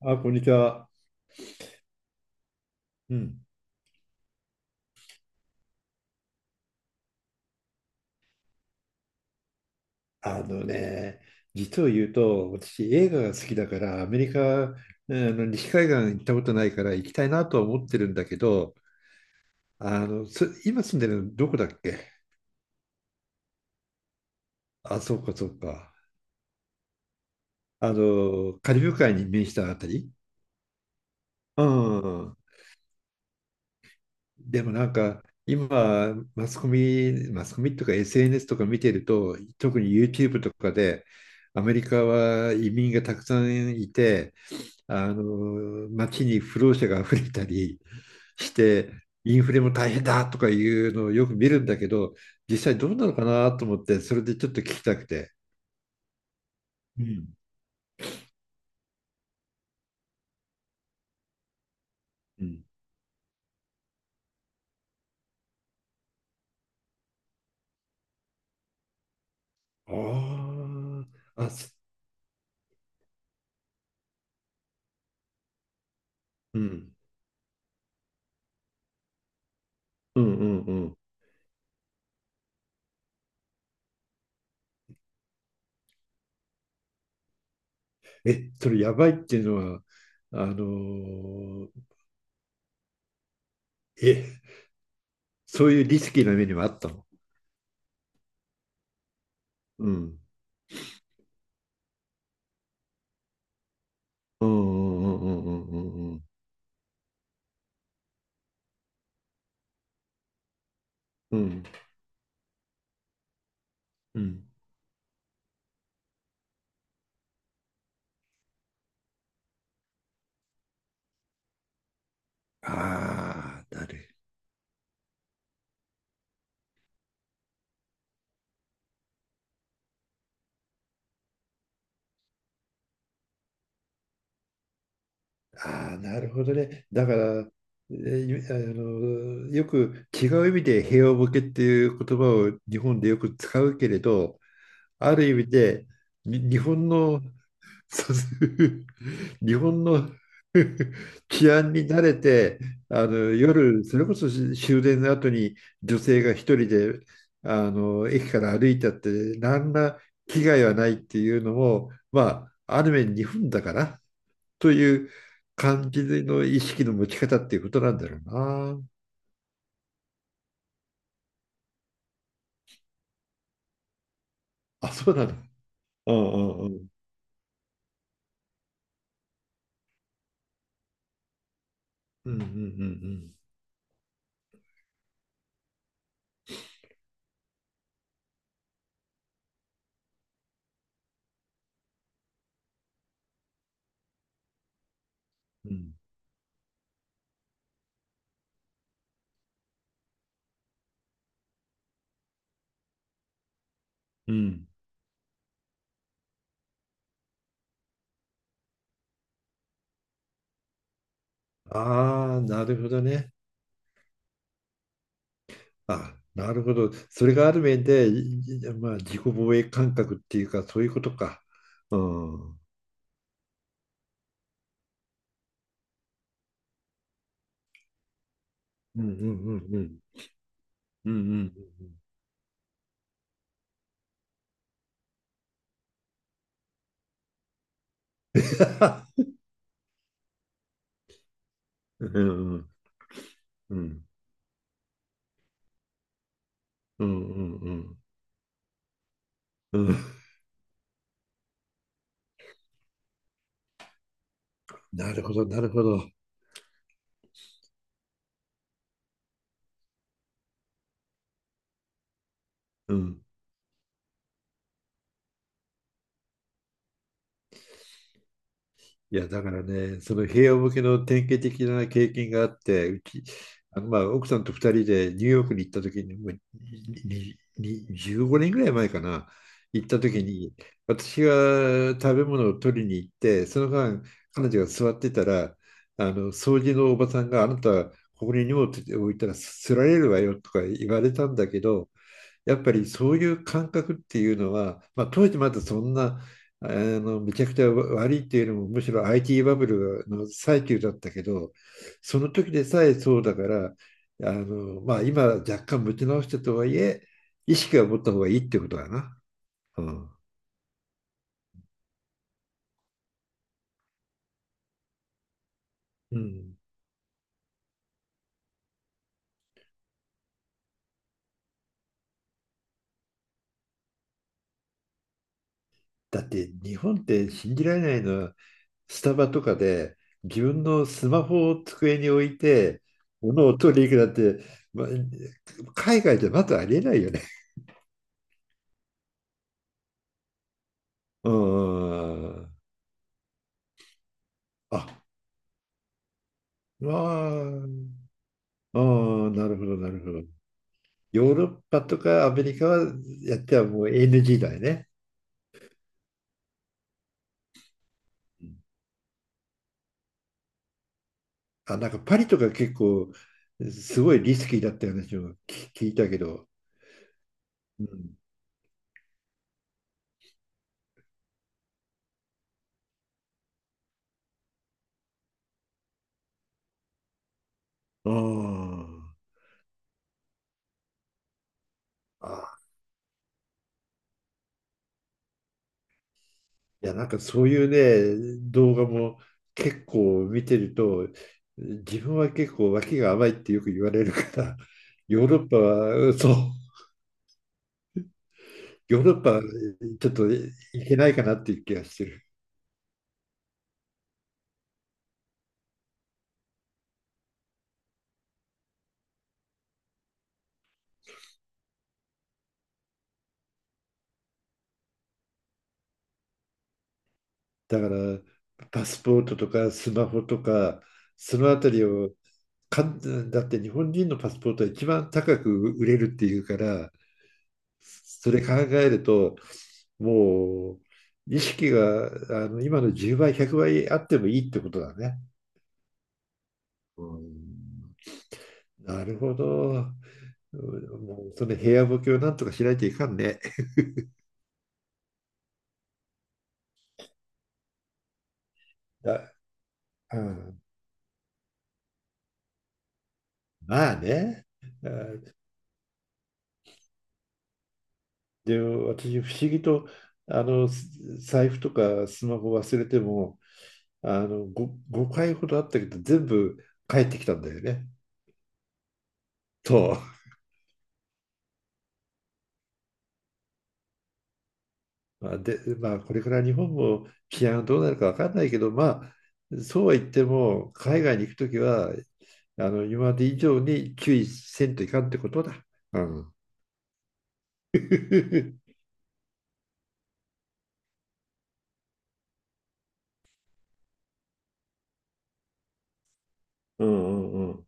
あ、こんにちは。うん。あのね、実を言うと、私映画が好きだから、アメリカ、あの西海岸行ったことないから行きたいなとは思ってるんだけど、今住んでるのどこだっけ？あ、そうかそうか。あの、カリブ海に面したあたり。うんうん。でもなんか今マスコミとか SNS とか見てると、特に YouTube とかでアメリカは移民がたくさんいて、あの街に不労者が溢れたりして、インフレも大変だとかいうのをよく見るんだけど、実際どうなのかなと思って、それでちょっと聞きたくて。うん。うん。ああ、あ、うん、うんうんうん。え、それやばいっていうのは、あのえ、そういうリスキーな目にもあったの？うん。うんうんうんうんうんうんうんうん。ああ、なる。ああ、なるほどね。だから、えーあよく違う意味で平和ボケっていう言葉を日本でよく使うけれど、ある意味で、に日本のそう 日本の 治安に慣れて、あの夜、それこそ終電の後に女性が一人であの駅から歩いたって、何ら危害はないっていうのも、まあ、ある面日本だからという感じの意識の持ち方っていうことなんだろうな。あ、そうなの。うんうんうん。うんうんうんうん。うん。うん。ああ、なるほどね。あ、なるほど。それがある面で、まあ、自己防衛感覚っていうか、そういうことか。うん。うんうんうんうん。うんうんうん。うんうんうんうん。うんうんうんうん。なるほど、なるほど。うん。いや、だからね、その平和向けの典型的な経験があって、うち、まあ奥さんと二人でニューヨークに行った時に、もうに15年ぐらい前かな、行った時に、私が食べ物を取りに行って、その間、彼女が座ってたら、あの掃除のおばさんがあなた、ここに荷物置いたらすられるわよとか言われたんだけど、やっぱりそういう感覚っていうのは、まあ、当時まだそんなめちゃくちゃ悪いっていうよりもむしろ IT バブルの最中だったけど、その時でさえそうだから、まあ、今若干持ち直したとはいえ意識は持った方がいいってことだな。うん。うん、だって日本って信じられないのは、スタバとかで自分のスマホを机に置いて物を取りに行くなんて、まあ、海外じゃまずありえないよね。うーん。あ、まあ、ああなるほど、なるほど。ヨーロッパとかアメリカはやってはもう NG だよね。うん。あ、なんかパリとか結構すごいリスキーだったような話を聞いたけど。うん。ああ、ああ、いや、なんかそういうね、動画も結構見てると、自分は結構脇が甘いってよく言われるから、ヨーロッパは、そう。ヨーロッパちょっと行けないかなっていう気がしてる。だからパスポートとかスマホとかそのあたりをかんだって日本人のパスポートは一番高く売れるっていうから、それ考えると、もう意識が今の10倍100倍あってもいいってことだね。うん。なるほど。うん。もうその部屋ボケをなんとかしないといかんね。あ、うん、まあね。あ、で、私、不思議と、財布とかスマホ忘れても、5回ほどあったけど、全部帰ってきたんだよね。と、まあ、で、まあ、これから日本も治安どうなるか分かんないけど、まあ、そうは言っても、海外に行くときは、今まで以上に注意せんといかんってことだ。うん。うんうんうん。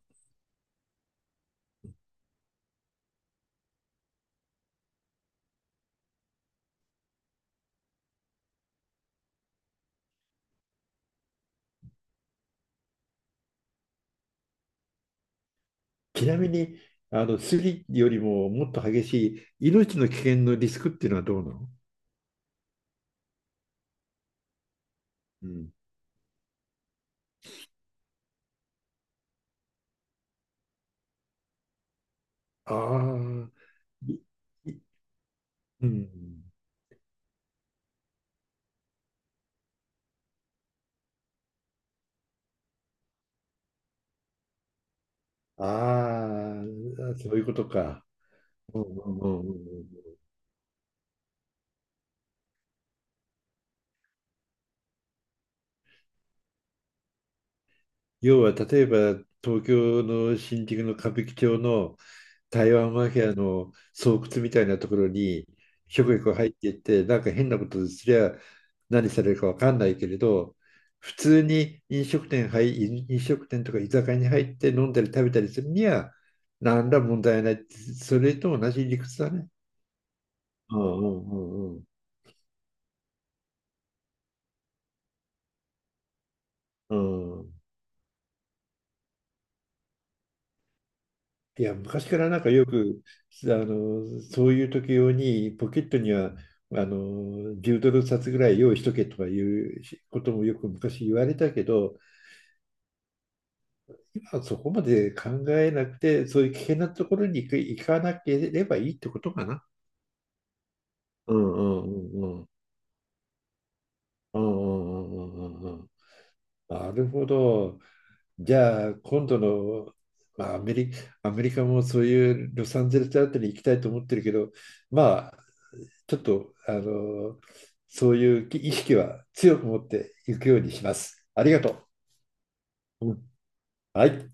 ちなみに、スリよりももっと激しい命の危険のリスクっていうのはどうなの？うん、ああ、いいうん。ああ、そういうことか。うんうんうんうんうん。要は、例えば、東京の新宿の歌舞伎町の台湾マフィアの巣窟みたいなところに、ひょこひょこ入っていって、なんか変なことすりゃ何されるかわかんないけれど、普通に飲食店とか居酒屋に入って飲んだり食べたりするには、何ら問題ないって。それと同じ理屈だね。うんうんうんうん。うん。いや、昔からなんかよく、そういう時用に、ポケットには、あの、10ドル札ぐらい用意しとけとかいうこともよく昔言われたけど、今はそこまで考えなくて、そういう危険なところに行かなければいいってことかな。うん。うんうんうんうんうんうんうんうん。なるほど。じゃあ、今度の、まあ、アメリカもそういうロサンゼルスあたりに行きたいと思ってるけど、まあ、ちょっと、そういう意識は強く持っていくようにします。ありがとう。うん、はい。